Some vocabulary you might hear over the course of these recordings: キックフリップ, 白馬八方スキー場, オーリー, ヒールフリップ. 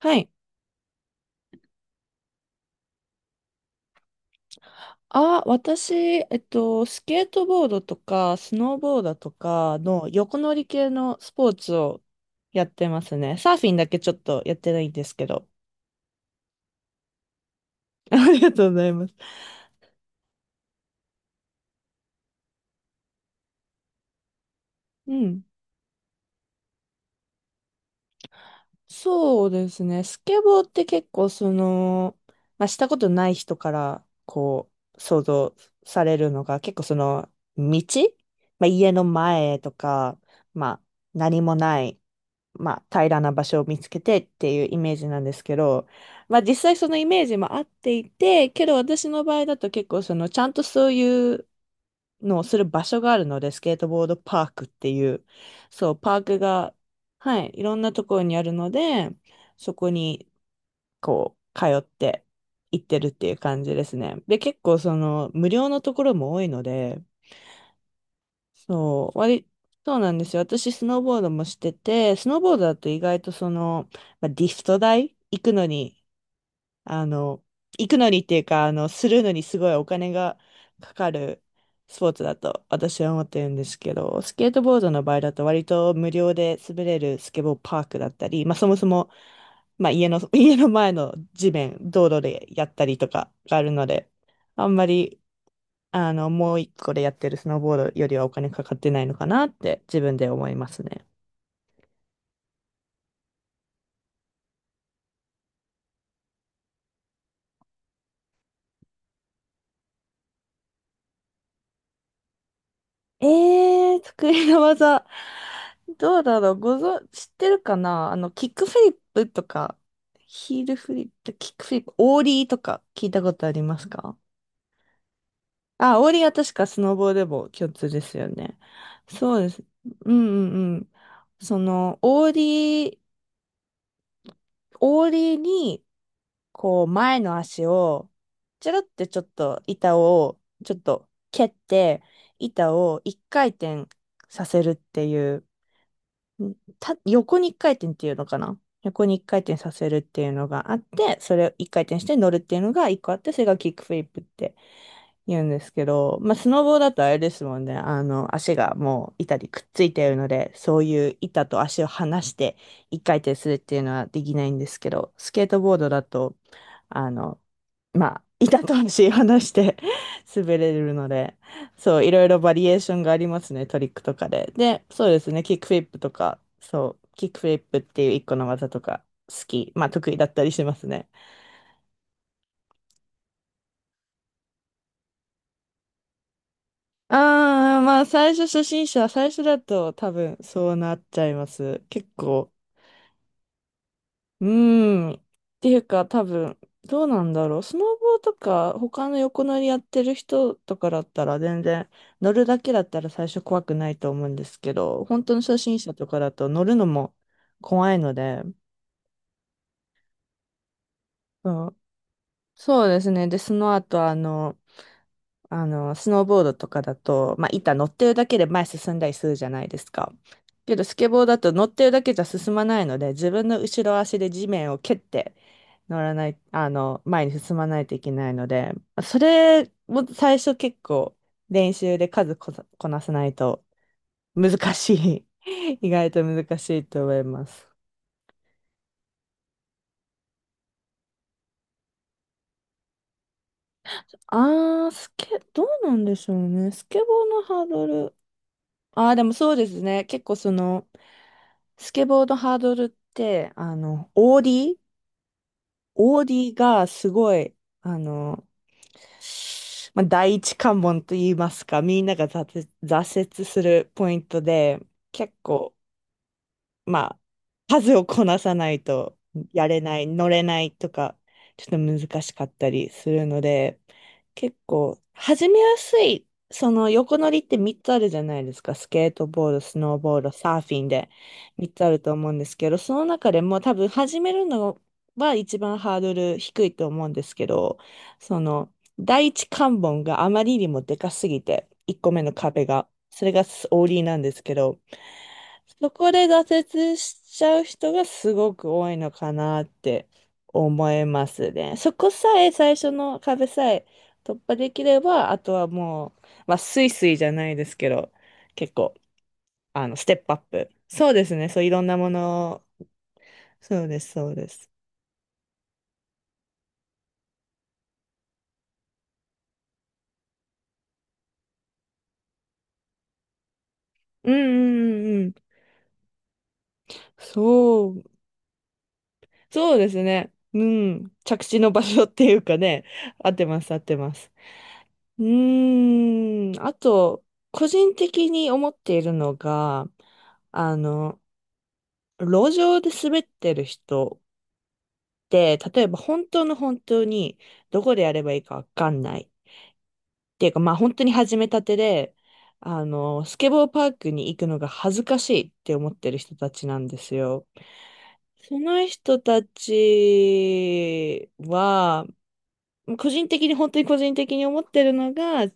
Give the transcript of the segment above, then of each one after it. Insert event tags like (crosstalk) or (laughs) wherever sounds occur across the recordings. はい。あ、私、スケートボードとか、スノーボードとかの横乗り系のスポーツをやってますね。サーフィンだけちょっとやってないんですけど。(laughs) ありがとうございます。うん。そうですね。スケボーって結構その、まあ、したことない人からこう、想像されるのが結構その、道まあ、家の前とか、まあ、何もない、まあ、平らな場所を見つけてっていうイメージなんですけど、まあ、実際そのイメージも合っていて、けど私の場合だと結構そのちゃんとそういうのをする場所があるので、スケートボードパークっていう、そう、パークが、はい、いろんなところにあるので、そこにこう、通って行ってるっていう感じですね。で、結構その無料のところも多いので、そう、そうなんですよ。私、スノーボードもしてて、スノーボードだと意外とその、まあ、リフト代、行くのに、あの、行くのにっていうか、するのにすごいお金がかかるスポーツだと私は思ってるんですけど、スケートボードの場合だと割と無料で滑れるスケボーパークだったり、まあそもそも、まあ家の、(laughs) 家の前の地面、道路でやったりとかがあるので、あんまりもう一個でやってるスノーボードよりはお金かかってないのかなって自分で思いますね。え得意な技。どうだろう、知ってるかな、あの、キックフリップとか、ヒールフリップ、キックフリップ、オーリーとか聞いたことありますか？あ、オーリーは確かスノボーでも共通ですよね。そうです。うんうんうん。その、オーリーに、こう、前の足を、ちょろってちょっと板を、ちょっと蹴って、板を一回転させるっていう、ん横に一回転っていうのかな、横に一回転させるっていうのがあって、それを一回転して乗るっていうのが一個あって、それがキックフリップって言うんですけど、まあ、スノボーだとあれですもんね。あの、足がもう板にくっついているので、そういう板と足を離して一回転するっていうのはできないんですけど、スケートボードだと、あの、まあ、板と足を離して (laughs) 滑れるので、そう、いろいろバリエーションがありますね、トリックとかで。で、そうですね、キックフリップとか、そう、キックフリップっていう一個の技とか、好き、まあ、得意だったりしますね。ああ、まあ最初初心者、最初だと多分そうなっちゃいます。結構。うーん。っていうか多分、どうなんだろう。スノボーとか他の横乗りやってる人とかだったら全然乗るだけだったら最初怖くないと思うんですけど、本当の初心者とかだと乗るのも怖いので、うん、そうですね。で、その後あの、あの、スノーボードとかだと、まあ、板乗ってるだけで前進んだりするじゃないですか。けど、スケボーだと乗ってるだけじゃ進まないので、自分の後ろ足で地面を蹴って乗らない、あの、前に進まないといけないので、それも最初結構練習で数こさ、こなさないと難しい。(laughs) 意外と難しいと思います。あー、スケ、どうなんでしょうね。スケボーのハードル。あー、でもそうですね。結構その、スケボーのハードルって、あの、オーディーがすごい、あの、まあ、第一関門と言いますか、みんなが挫折するポイントで、結構まあ、数をこなさないとやれない、乗れないとか、ちょっと難しかったりするので、結構、始めやすい、その横乗りって3つあるじゃないですか。スケートボード、スノーボード、サーフィンで3つあると思うんですけど、その中でも多分始めるのは一番ハードル低いと思うんですけど、その、第一関門があまりにもでかすぎて、1個目の壁が、それがオーリーなんですけど、そこで挫折しちゃう人がすごく多いのかなって思いますね。そこさえ最初の壁さえ突破できれば、あとはもう、まあ、スイスイじゃないですけど、結構、あの、ステップアップ。そうですね。そう、いろんなものを。そうです、そうです。うんうんうんうん。そう、そうですね。うん。着地の場所っていうかね、合ってます、合ってます。うーん、あと、個人的に思っているのが、あの、路上で滑ってる人って、例えば本当の本当にどこでやればいいかわかんない。っていうか、まあ本当に始めたてで、あの、スケボーパークに行くのが恥ずかしいって思ってる人たちなんですよ。その人たちは、個人的に、本当に個人的に思ってるのが、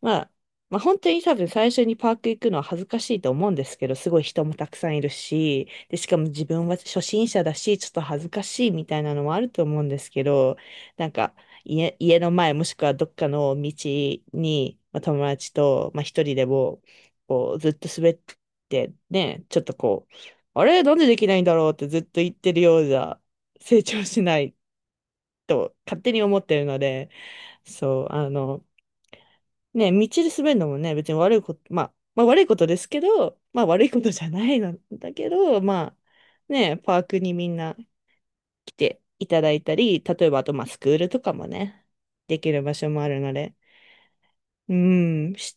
まあ、まあ本当に多分最初にパーク行くのは恥ずかしいと思うんですけど、すごい人もたくさんいるし、で、しかも自分は初心者だし、ちょっと恥ずかしいみたいなのもあると思うんですけど、なんか家の前もしくはどっかの道に、まあ、友達と、まあ、一人でも、こう、ずっと滑ってね、ちょっとこう、あれ、なんでできないんだろうってずっと言ってるようじゃ、成長しないと勝手に思ってるので、そう、あの、ね、道で滑るのもね、別に悪いこと、まあ、まあ悪いことですけど、まあ悪いことじゃないのだけど、まあ、ね、パークにみんな来ていただいたり、例えばあと、まあスクールとかもね、できる場所もあるので、うん、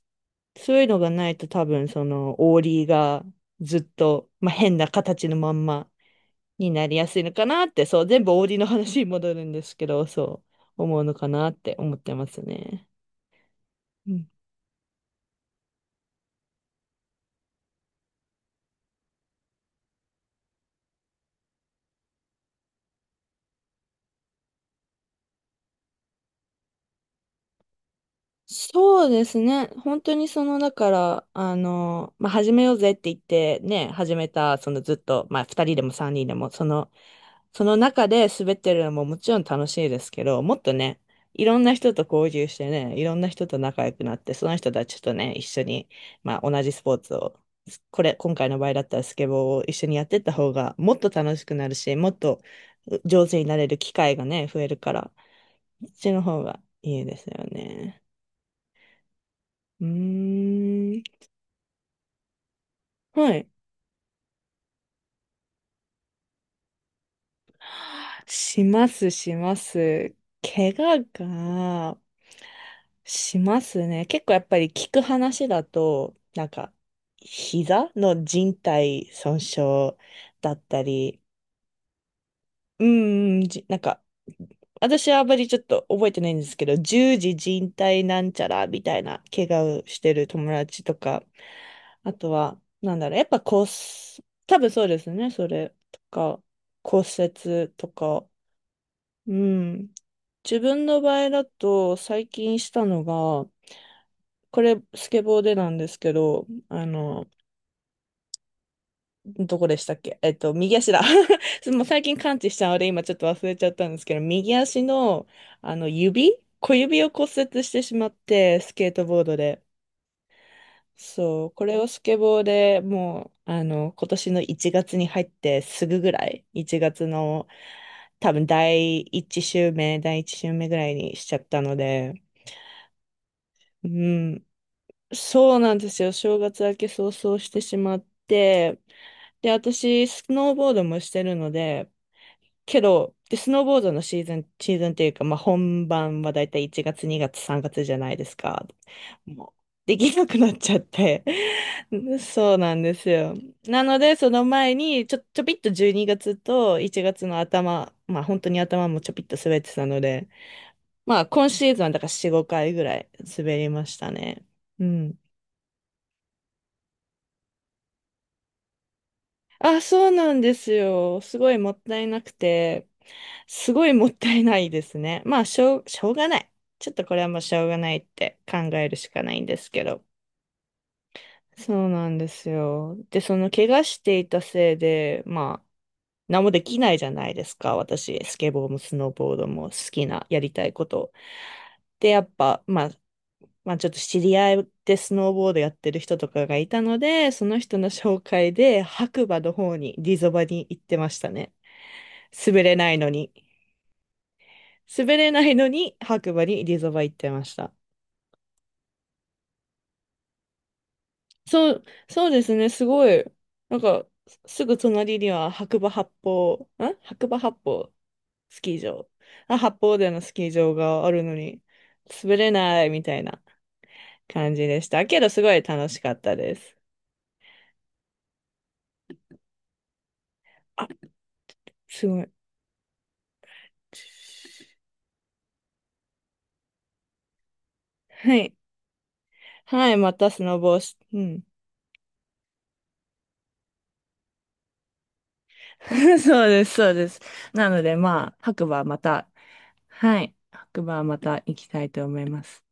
そういうのがないと多分その、オーリーがずっと、まあ変な形のまんまになりやすいのかなって、そう、全部オーリーの話に戻るんですけど、そう。思うのかなって思ってますね。うん。そうですね。本当にその、だから、あの、まあ、始めようぜって言って、ね、始めた、そのずっと、まあ、2人でも3人でも、その、その中で滑ってるのももちろん楽しいですけど、もっとね、いろんな人と交流してね、いろんな人と仲良くなって、その人たちとね、一緒に、まあ同じスポーツを、これ、今回の場合だったらスケボーを一緒にやってった方が、もっと楽しくなるし、もっと上手になれる機会がね、増えるから、そっちの方がいいですよね。うーん。はい。(gasps) します、します。怪我が、しますね。結構やっぱり聞く話だと、なんか、膝の靭帯損傷だったり、うん、うんじなんか、私はあまりちょっと覚えてないんですけど、十字靭帯なんちゃらみたいな怪我をしてる友達とか、あとは、なんだろう、やっぱ骨、多分そうですね、それとか、骨折とか、うん。自分の場合だと、最近したのが、これ、スケボーでなんですけど、あの、どこでしたっけ、えっと、右足だ。(laughs) もう最近感知したので、今ちょっと忘れちゃったんですけど、右足の、あの、小指を骨折してしまって、スケートボードで。そう、これをスケボーでもう、あの、今年の1月に入ってすぐぐらい、1月の多分第一週目、第一週目ぐらいにしちゃったので、うん、そうなんですよ。正月明け早々してしまって、で、私、スノーボードもしてるので、けど、で、スノーボードのシーズン、シーズンっていうか、まあ、本番はだいたい1月、2月、3月じゃないですか。もう、できなくなっちゃって。(laughs) そうなんですよ。なので、その前に、ちょびっと12月と1月の頭、まあ、本当に頭もちょびっと滑ってたので、まあ、今シーズンはだから4、5回ぐらい滑りましたね。うん。あ、そうなんですよ。すごいもったいなくて、すごいもったいないですね。まあ、しょうがない。ちょっとこれはもうしょうがないって考えるしかないんですけど。そうなんですよ。で、その怪我していたせいで、まあ、何もできないじゃないですか。私、スケボーもスノーボードも好きな、やりたいこと。で、やっぱ、まあ、まあ、ちょっと知り合いでスノーボードやってる人とかがいたので、その人の紹介で白馬の方に、リゾバに行ってましたね。滑れないのに。滑れないのに白馬にリゾバ行ってました。そう、そうですね、すごい。なんか、すぐ隣には白馬八方スキー場。あ、八方でのスキー場があるのに、滑れないみたいな感じでした。けど、すごい楽しかったです。あ、すごい。はい。はい、またスノボをし、うん。(laughs) そうです、そうです。なので、まあ、白馬また、はい。白馬また行きたいと思います。